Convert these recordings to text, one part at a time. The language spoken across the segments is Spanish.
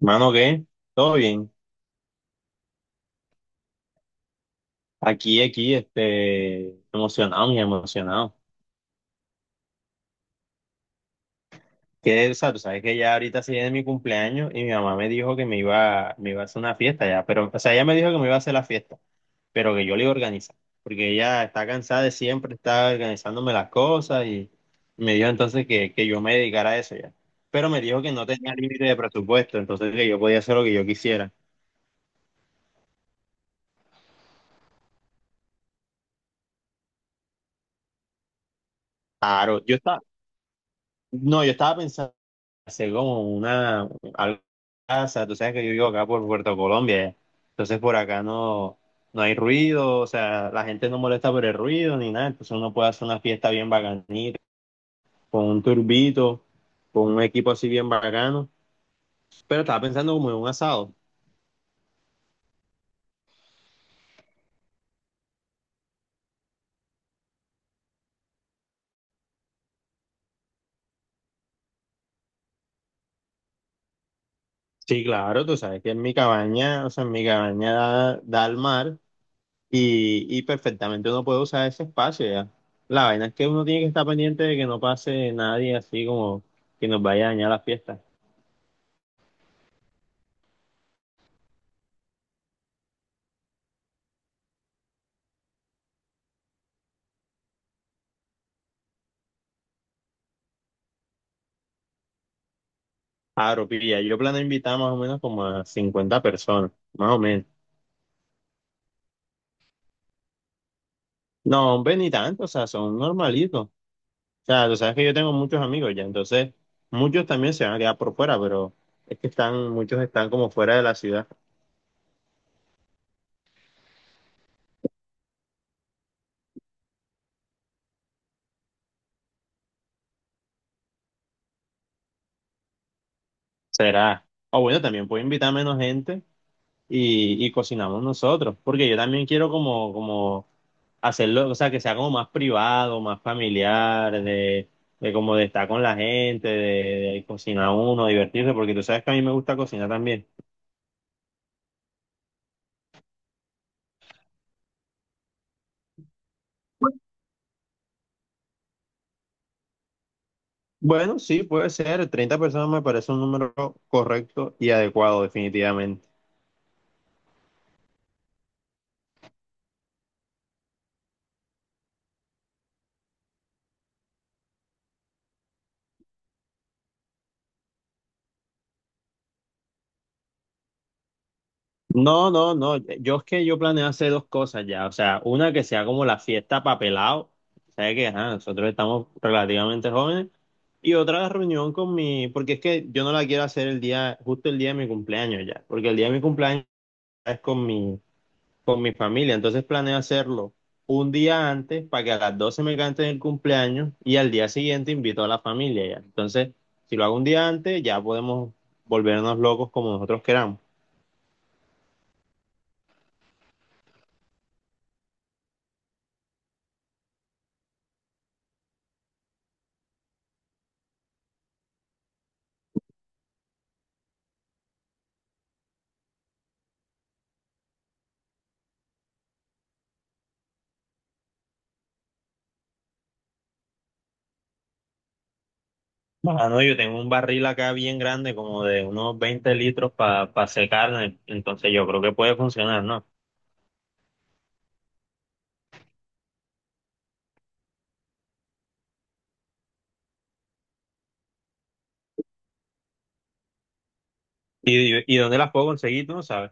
Mano, ¿qué? ¿Todo bien? Aquí, aquí, emocionado, muy emocionado. Que, o sea, tú sabes que ya ahorita se viene mi cumpleaños y mi mamá me dijo que me iba a hacer una fiesta ya, pero, o sea, ella me dijo que me iba a hacer la fiesta, pero que yo le iba a organizar, porque ella está cansada de siempre estar organizándome las cosas y me dijo entonces que yo me dedicara a eso ya. Pero me dijo que no tenía límite de presupuesto, entonces que yo podía hacer lo que yo quisiera. Claro, no, yo estaba pensando hacer como una algo en casa. Tú sabes que yo vivo acá por Puerto Colombia, entonces por acá no hay ruido, o sea, la gente no molesta por el ruido ni nada, entonces uno puede hacer una fiesta bien bacanita, con un turbito, con un equipo así bien bacano. Pero estaba pensando como en un asado. Sí, claro, tú sabes que en mi cabaña, o sea, en mi cabaña da al mar y perfectamente uno puede usar ese espacio ya. La vaina es que uno tiene que estar pendiente de que no pase nadie así como que nos vaya a dañar la fiesta. Aro, pilla, yo planeo invitar más o menos como a 50 personas, más o menos. No, hombre, ni tanto, o sea, son normalitos. O sea, tú sabes que yo tengo muchos amigos ya, entonces muchos también se van a quedar por fuera, pero muchos están como fuera de la ciudad. Será. O bueno, también puedo invitar menos gente y cocinamos nosotros, porque yo también quiero como hacerlo, o sea, que sea como más privado, más familiar, de como de, estar con la gente, de cocinar uno, divertirse, porque tú sabes que a mí me gusta cocinar también. Bueno, sí, puede ser, 30 personas me parece un número correcto y adecuado, definitivamente. No, no, no. Yo es que yo planeo hacer dos cosas ya. O sea, una que sea como la fiesta papelado. ¿Sabes qué? Ajá, nosotros estamos relativamente jóvenes. Y otra reunión con mi, porque es que yo no la quiero hacer el día, justo el día de mi cumpleaños ya. Porque el día de mi cumpleaños es con mi familia. Entonces planeo hacerlo un día antes para que a las 12 me canten el cumpleaños y al día siguiente invito a la familia ya. Entonces, si lo hago un día antes, ya podemos volvernos locos como nosotros queramos. Mano, yo tengo un barril acá bien grande, como de unos 20 litros para hacer carne, entonces yo creo que puede funcionar, ¿no? ¿Y dónde las puedo conseguir? Tú no sabes.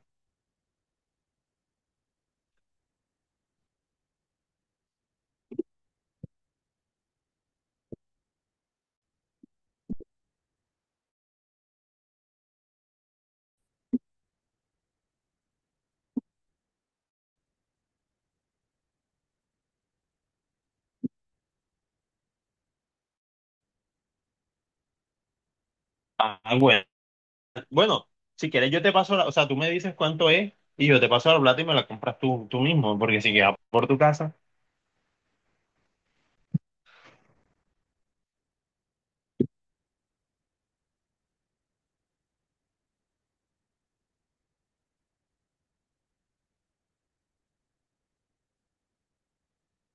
Ah, bueno. Bueno, si quieres yo te paso la, o sea, tú me dices cuánto es y yo te paso la plata y me la compras tú mismo, porque si queda por tu casa,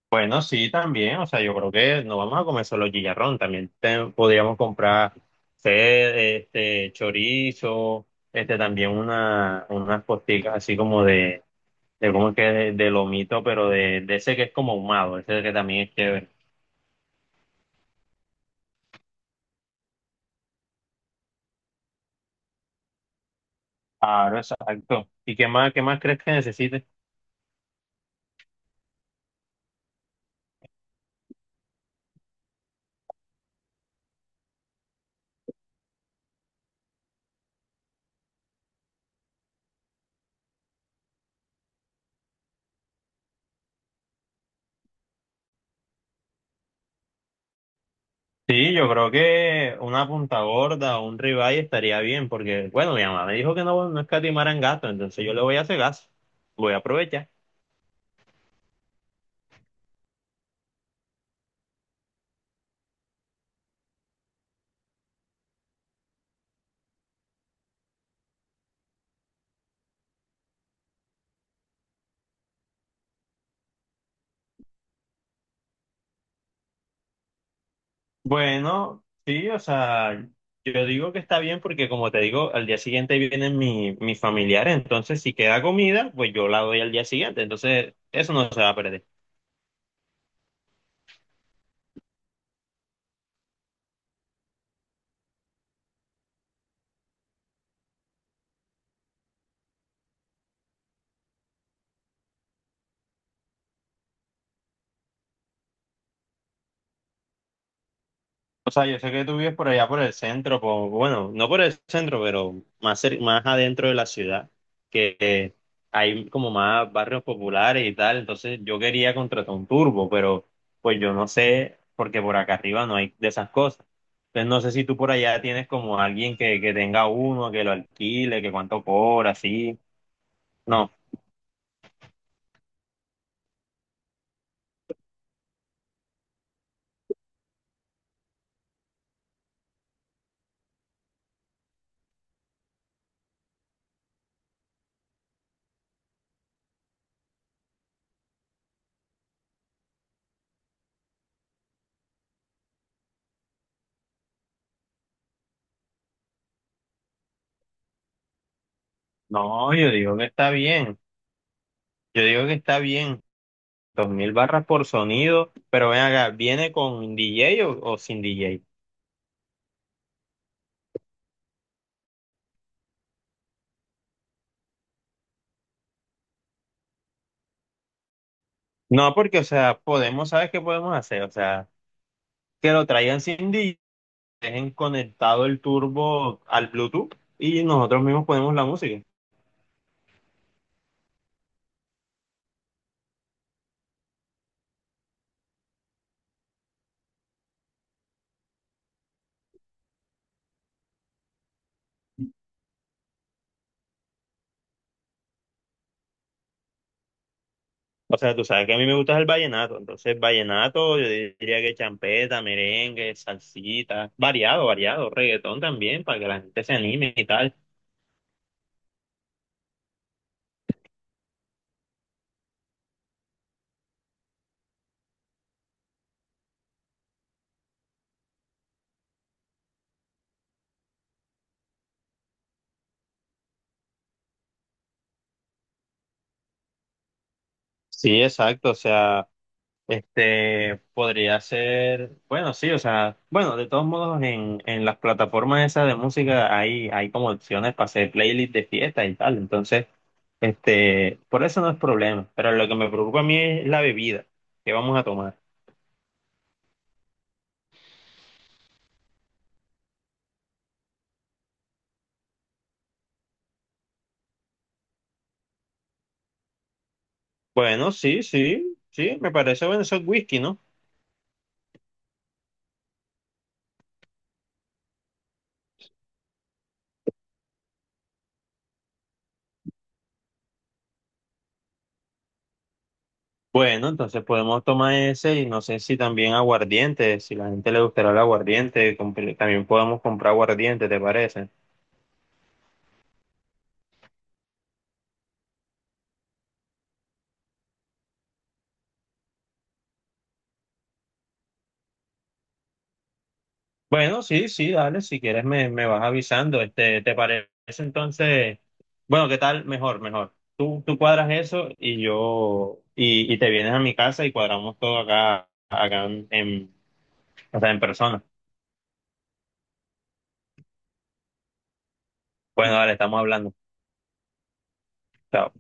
bueno, sí, también, o sea, yo creo que no vamos a comer solo chicharrón, también podríamos comprar, sé, chorizo, también unas posticas así como de cómo es que de lomito, pero de ese que es como ahumado, ese que también es chévere. Claro, exacto. ¿Y qué más crees que necesites? Sí, yo creo que una punta gorda o un ribeye estaría bien, porque, bueno, mi mamá me dijo que no escatimaran gasto, entonces yo le voy a hacer gas, voy a aprovechar. Bueno, sí, o sea, yo digo que está bien porque, como te digo, al día siguiente vienen mis familiares, entonces si queda comida, pues yo la doy al día siguiente, entonces eso no se va a perder. O sea, yo sé que tú vives por allá por el centro, bueno, no por el centro, pero más, más adentro de la ciudad, que hay como más barrios populares y tal. Entonces yo quería contratar un turbo, pero pues yo no sé, porque por acá arriba no hay de esas cosas. Entonces no sé si tú por allá tienes como alguien que tenga uno, que lo alquile, que cuánto cobra, así. No, no, yo digo que está bien. Yo digo que está bien. 2000 barras por sonido, pero ven acá, ¿viene con DJ o sin DJ? No, porque, o sea, podemos, ¿sabes qué podemos hacer? O sea, que lo traigan sin DJ, dejen conectado el turbo al Bluetooth y nosotros mismos ponemos la música. O sea, tú sabes que a mí me gusta el vallenato, entonces vallenato, yo diría que champeta, merengue, salsita, variado, variado, reggaetón también, para que la gente se anime y tal. Sí, exacto, o sea. Podría ser, bueno, sí, o sea, bueno, de todos modos en las plataformas esas de música hay como opciones para hacer playlists de fiesta y tal, entonces, por eso no es problema, pero lo que me preocupa a mí es la bebida que vamos a tomar. Bueno, sí, sí, sí, me parece bueno, eso es whisky, ¿no? Bueno, entonces podemos tomar ese y no sé si también aguardiente, si la gente le gustará el aguardiente, también podemos comprar aguardiente, ¿te parece? Bueno, sí, sí, dale, si quieres me vas avisando, ¿te parece entonces? Bueno, ¿qué tal? Mejor, mejor. Tú cuadras eso y te vienes a mi casa y cuadramos todo acá, acá o sea, en persona. Bueno, dale, estamos hablando. Chao.